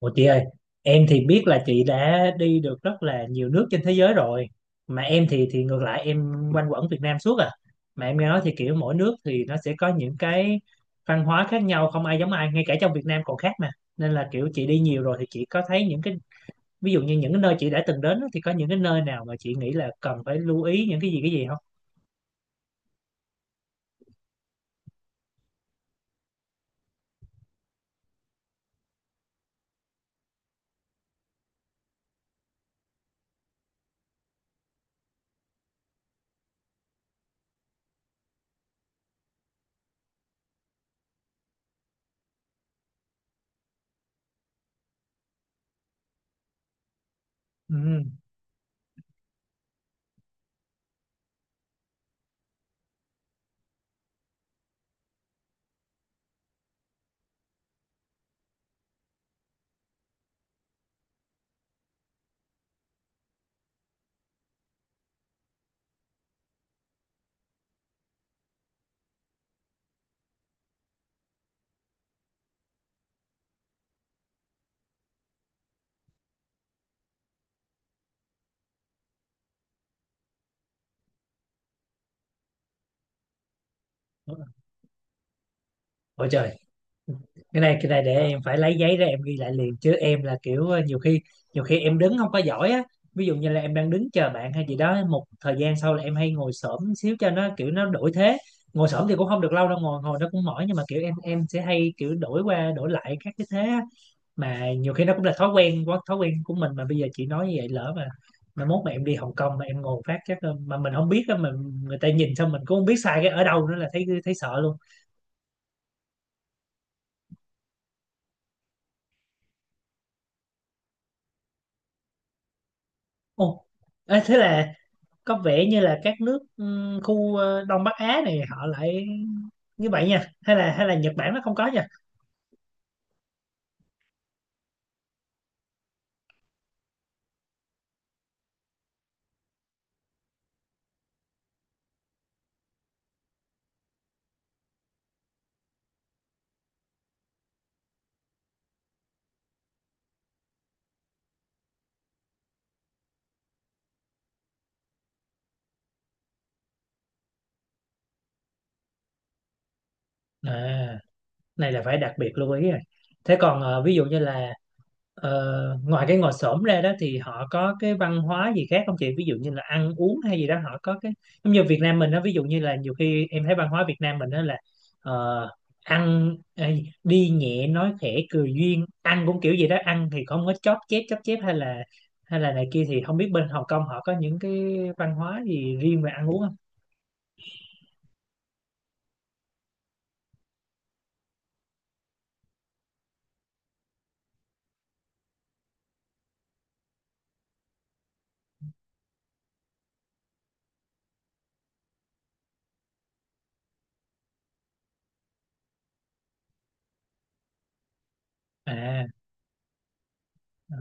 Ủa chị ơi, em thì biết là chị đã đi được rất là nhiều nước trên thế giới rồi. Mà em thì ngược lại em quanh quẩn Việt Nam suốt à. Mà em nghe nói thì kiểu mỗi nước thì nó sẽ có những cái văn hóa khác nhau không ai giống ai, ngay cả trong Việt Nam còn khác mà. Nên là kiểu chị đi nhiều rồi thì chị có thấy những cái ví dụ như những cái nơi chị đã từng đến á, thì có những cái nơi nào mà chị nghĩ là cần phải lưu ý những cái gì không? Ừ. Ủa trời. Cái này để em phải lấy giấy ra em ghi lại liền chứ em là kiểu nhiều khi em đứng không có giỏi á, ví dụ như là em đang đứng chờ bạn hay gì đó một thời gian sau là em hay ngồi xổm xíu cho nó kiểu nó đổi thế. Ngồi xổm thì cũng không được lâu đâu, ngồi ngồi nó cũng mỏi, nhưng mà kiểu em sẽ hay kiểu đổi qua đổi lại các cái thế á. Mà nhiều khi nó cũng là thói quen, quá thói quen của mình mà bây giờ chị nói như vậy lỡ mà mốt mà em đi Hồng Kông mà em ngồi phát chắc mà mình không biết á, mà người ta nhìn xong mình cũng không biết sai cái ở đâu nữa là thấy thấy sợ luôn. Ồ, ê, thế là có vẻ như là các nước khu Đông Bắc Á này họ lại như vậy nha, hay là Nhật Bản nó không có nha. À. Này là phải đặc biệt lưu ý rồi. Thế còn ví dụ như là ngoài cái ngồi xổm ra đó thì họ có cái văn hóa gì khác không chị, ví dụ như là ăn uống hay gì đó họ có cái giống như Việt Nam mình đó, ví dụ như là nhiều khi em thấy văn hóa Việt Nam mình đó là ờ, ăn đi nhẹ nói khẽ cười duyên, ăn cũng kiểu gì đó, ăn thì không có chóp chép hay là này kia, thì không biết bên Hồng Kông họ có những cái văn hóa gì riêng về ăn uống không? À. Ừ.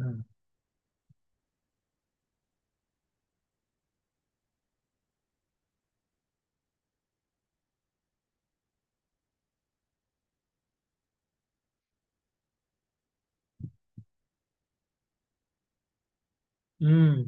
Ừ.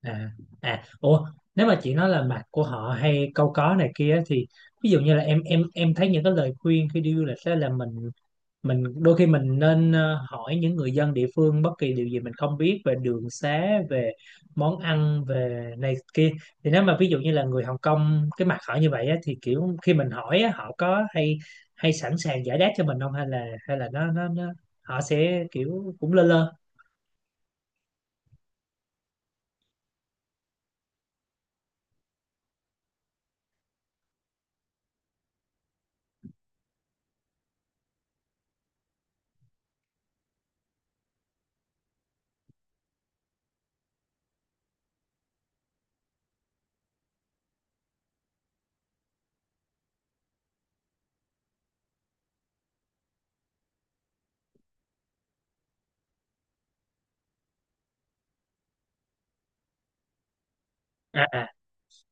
À, à, ủa, nếu mà chị nói là mặt của họ hay câu có này kia á, thì ví dụ như là em thấy những cái lời khuyên khi đi du lịch đó là mình đôi khi mình nên hỏi những người dân địa phương bất kỳ điều gì mình không biết về đường xá, về món ăn, về này kia. Thì nếu mà ví dụ như là người Hồng Kông cái mặt họ như vậy á, thì kiểu khi mình hỏi á, họ có hay hay sẵn sàng giải đáp cho mình không, hay là hay là nó họ sẽ kiểu cũng lơ lơ. À, à,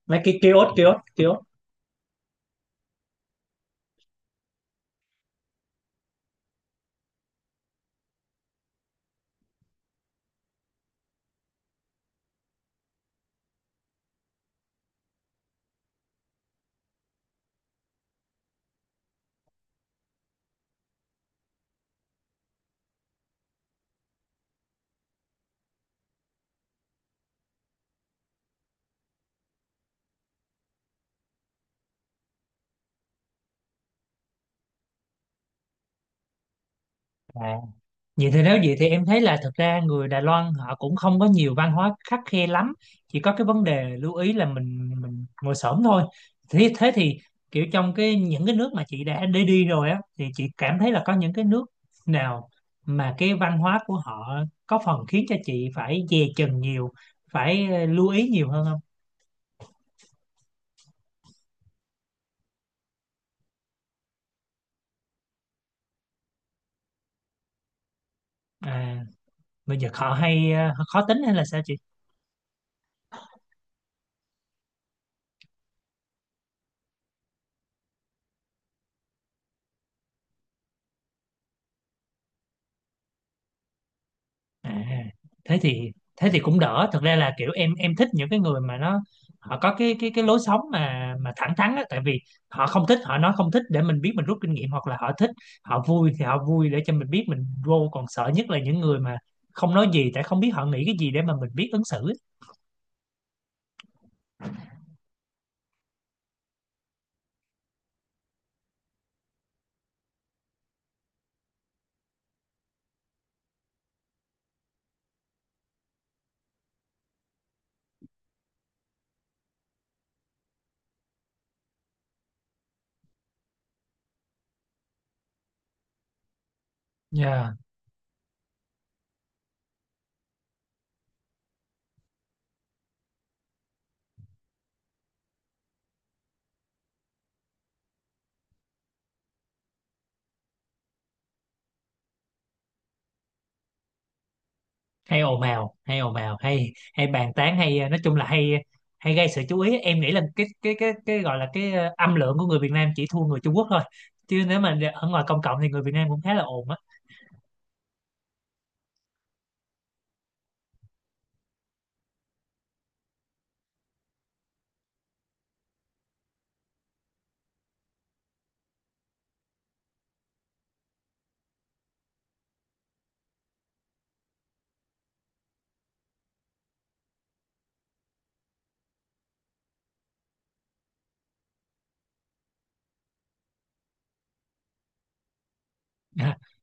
mấy cái kiosk kiosk kiosk Vậy thì nếu vậy thì em thấy là thật ra người Đài Loan họ cũng không có nhiều văn hóa khắt khe lắm, chỉ có cái vấn đề lưu ý là mình ngồi xổm thôi. Thế thế thì kiểu trong cái những cái nước mà chị đã đi đi rồi á thì chị cảm thấy là có những cái nước nào mà cái văn hóa của họ có phần khiến cho chị phải dè chừng nhiều, phải lưu ý nhiều hơn không? À, bây giờ họ hay khó tính hay là sao chị? À, thế thì thế thì cũng đỡ. Thực ra là kiểu em thích những cái người mà nó họ có cái cái lối sống mà thẳng thắn á, tại vì họ không thích họ nói không thích để mình biết mình rút kinh nghiệm, hoặc là họ thích họ vui thì họ vui để cho mình biết mình vô, còn sợ nhất là những người mà không nói gì, tại không biết họ nghĩ cái gì để mà mình biết ứng xử. Dạ. Hay ồn ào hay hay bàn tán hay nói chung là hay hay gây sự chú ý, em nghĩ là cái gọi là cái âm lượng của người Việt Nam chỉ thua người Trung Quốc thôi, chứ nếu mà ở ngoài công cộng thì người Việt Nam cũng khá là ồn á.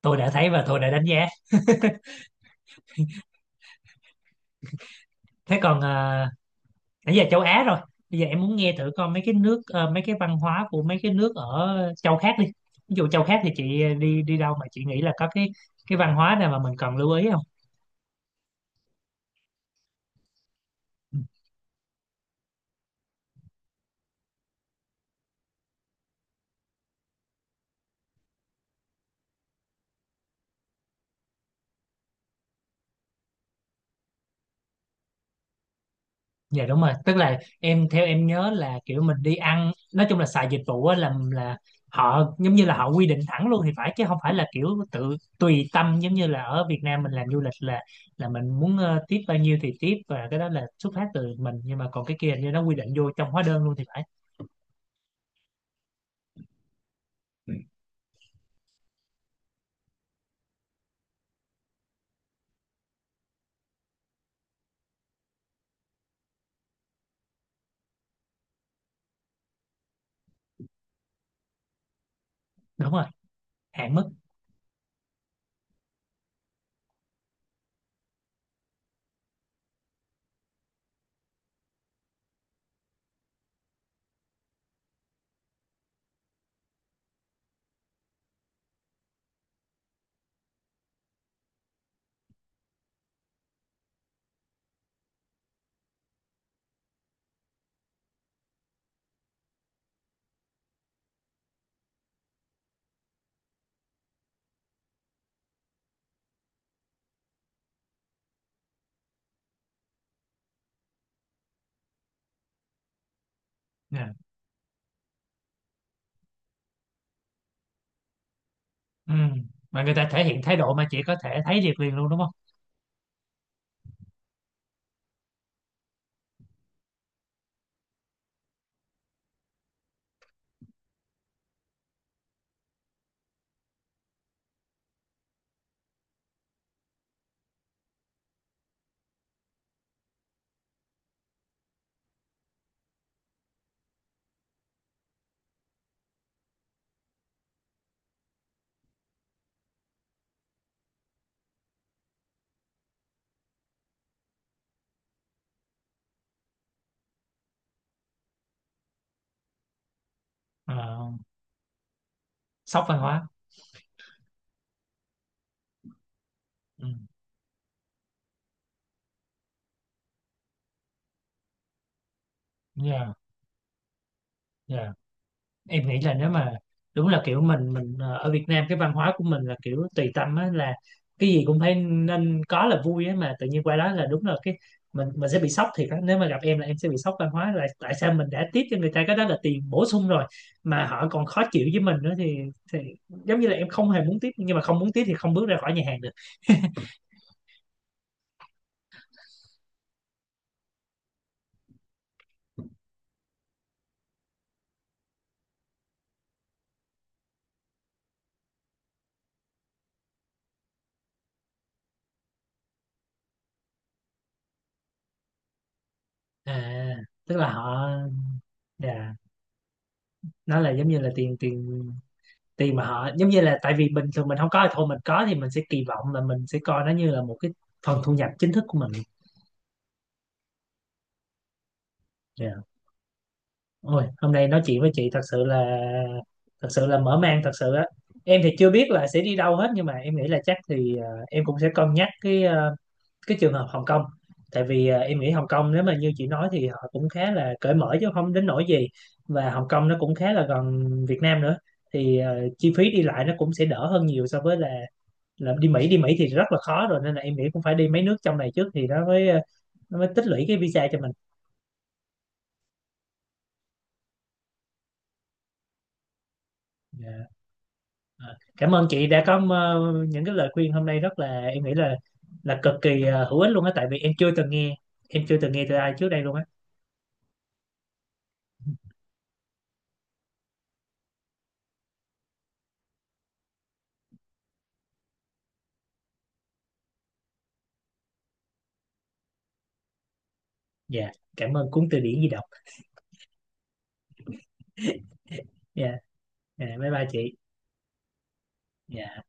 Tôi đã thấy và tôi đã đánh giá. Thế còn nãy giờ châu Á rồi, bây giờ em muốn nghe thử coi mấy cái nước mấy cái văn hóa của mấy cái nước ở châu khác đi. Ví dụ châu khác thì chị đi đi đâu mà chị nghĩ là có cái văn hóa nào mà mình cần lưu ý không? Dạ đúng rồi, tức là em theo em nhớ là kiểu mình đi ăn nói chung là xài dịch vụ á là họ giống như là họ quy định thẳng luôn thì phải, chứ không phải là kiểu tự tùy tâm giống như là ở Việt Nam mình làm du lịch là mình muốn tiếp bao nhiêu thì tiếp và cái đó là xuất phát từ mình, nhưng mà còn cái kia hình như nó quy định vô trong hóa đơn luôn thì phải. Đúng rồi, hạn mức. Dạ. Ừ. Mà người ta thể hiện thái độ mà chị có thể thấy được liền luôn đúng không? Ờ, sốc văn hóa. Ừ. Yeah, em nghĩ là nếu mà đúng là kiểu mình ở Việt Nam cái văn hóa của mình là kiểu tùy tâm á, là cái gì cũng phải nên có là vui á, mà tự nhiên qua đó là đúng là cái mình sẽ bị sốc thiệt á, nếu mà gặp em là em sẽ bị sốc văn hóa là tại sao mình đã tiếp cho người ta cái đó là tiền bổ sung rồi mà họ còn khó chịu với mình nữa thì giống như là em không hề muốn tiếp, nhưng mà không muốn tiếp thì không bước ra khỏi nhà hàng được. À, tức là họ. Dạ, nó là giống như là tiền tiền thì mà họ giống như là tại vì bình thường mình không có thì thôi, mình có thì mình sẽ kỳ vọng là mình sẽ coi nó như là một cái phần thu nhập chính thức của mình. Yeah. Ôi hôm nay nói chuyện với chị thật sự là mở mang thật sự á. Em thì chưa biết là sẽ đi đâu hết, nhưng mà em nghĩ là chắc thì em cũng sẽ cân nhắc cái cái trường hợp Hồng Kông, tại vì em nghĩ Hồng Kông nếu mà như chị nói thì họ cũng khá là cởi mở chứ không đến nỗi gì, và Hồng Kông nó cũng khá là gần Việt Nam nữa, thì chi phí đi lại nó cũng sẽ đỡ hơn nhiều so với là đi Mỹ. Đi Mỹ thì rất là khó rồi nên là em nghĩ cũng phải đi mấy nước trong này trước thì nó mới nó mới tích lũy cái visa cho mình. Dạ. Ờ, cảm ơn chị đã có những cái lời khuyên hôm nay, rất là em nghĩ là cực kỳ hữu ích luôn á, tại vì em chưa từng nghe em chưa từng nghe từ ai trước đây luôn á. Dạ, cảm ơn cuốn từ điển di động. Dạ. Dạ, bye bye chị. Dạ.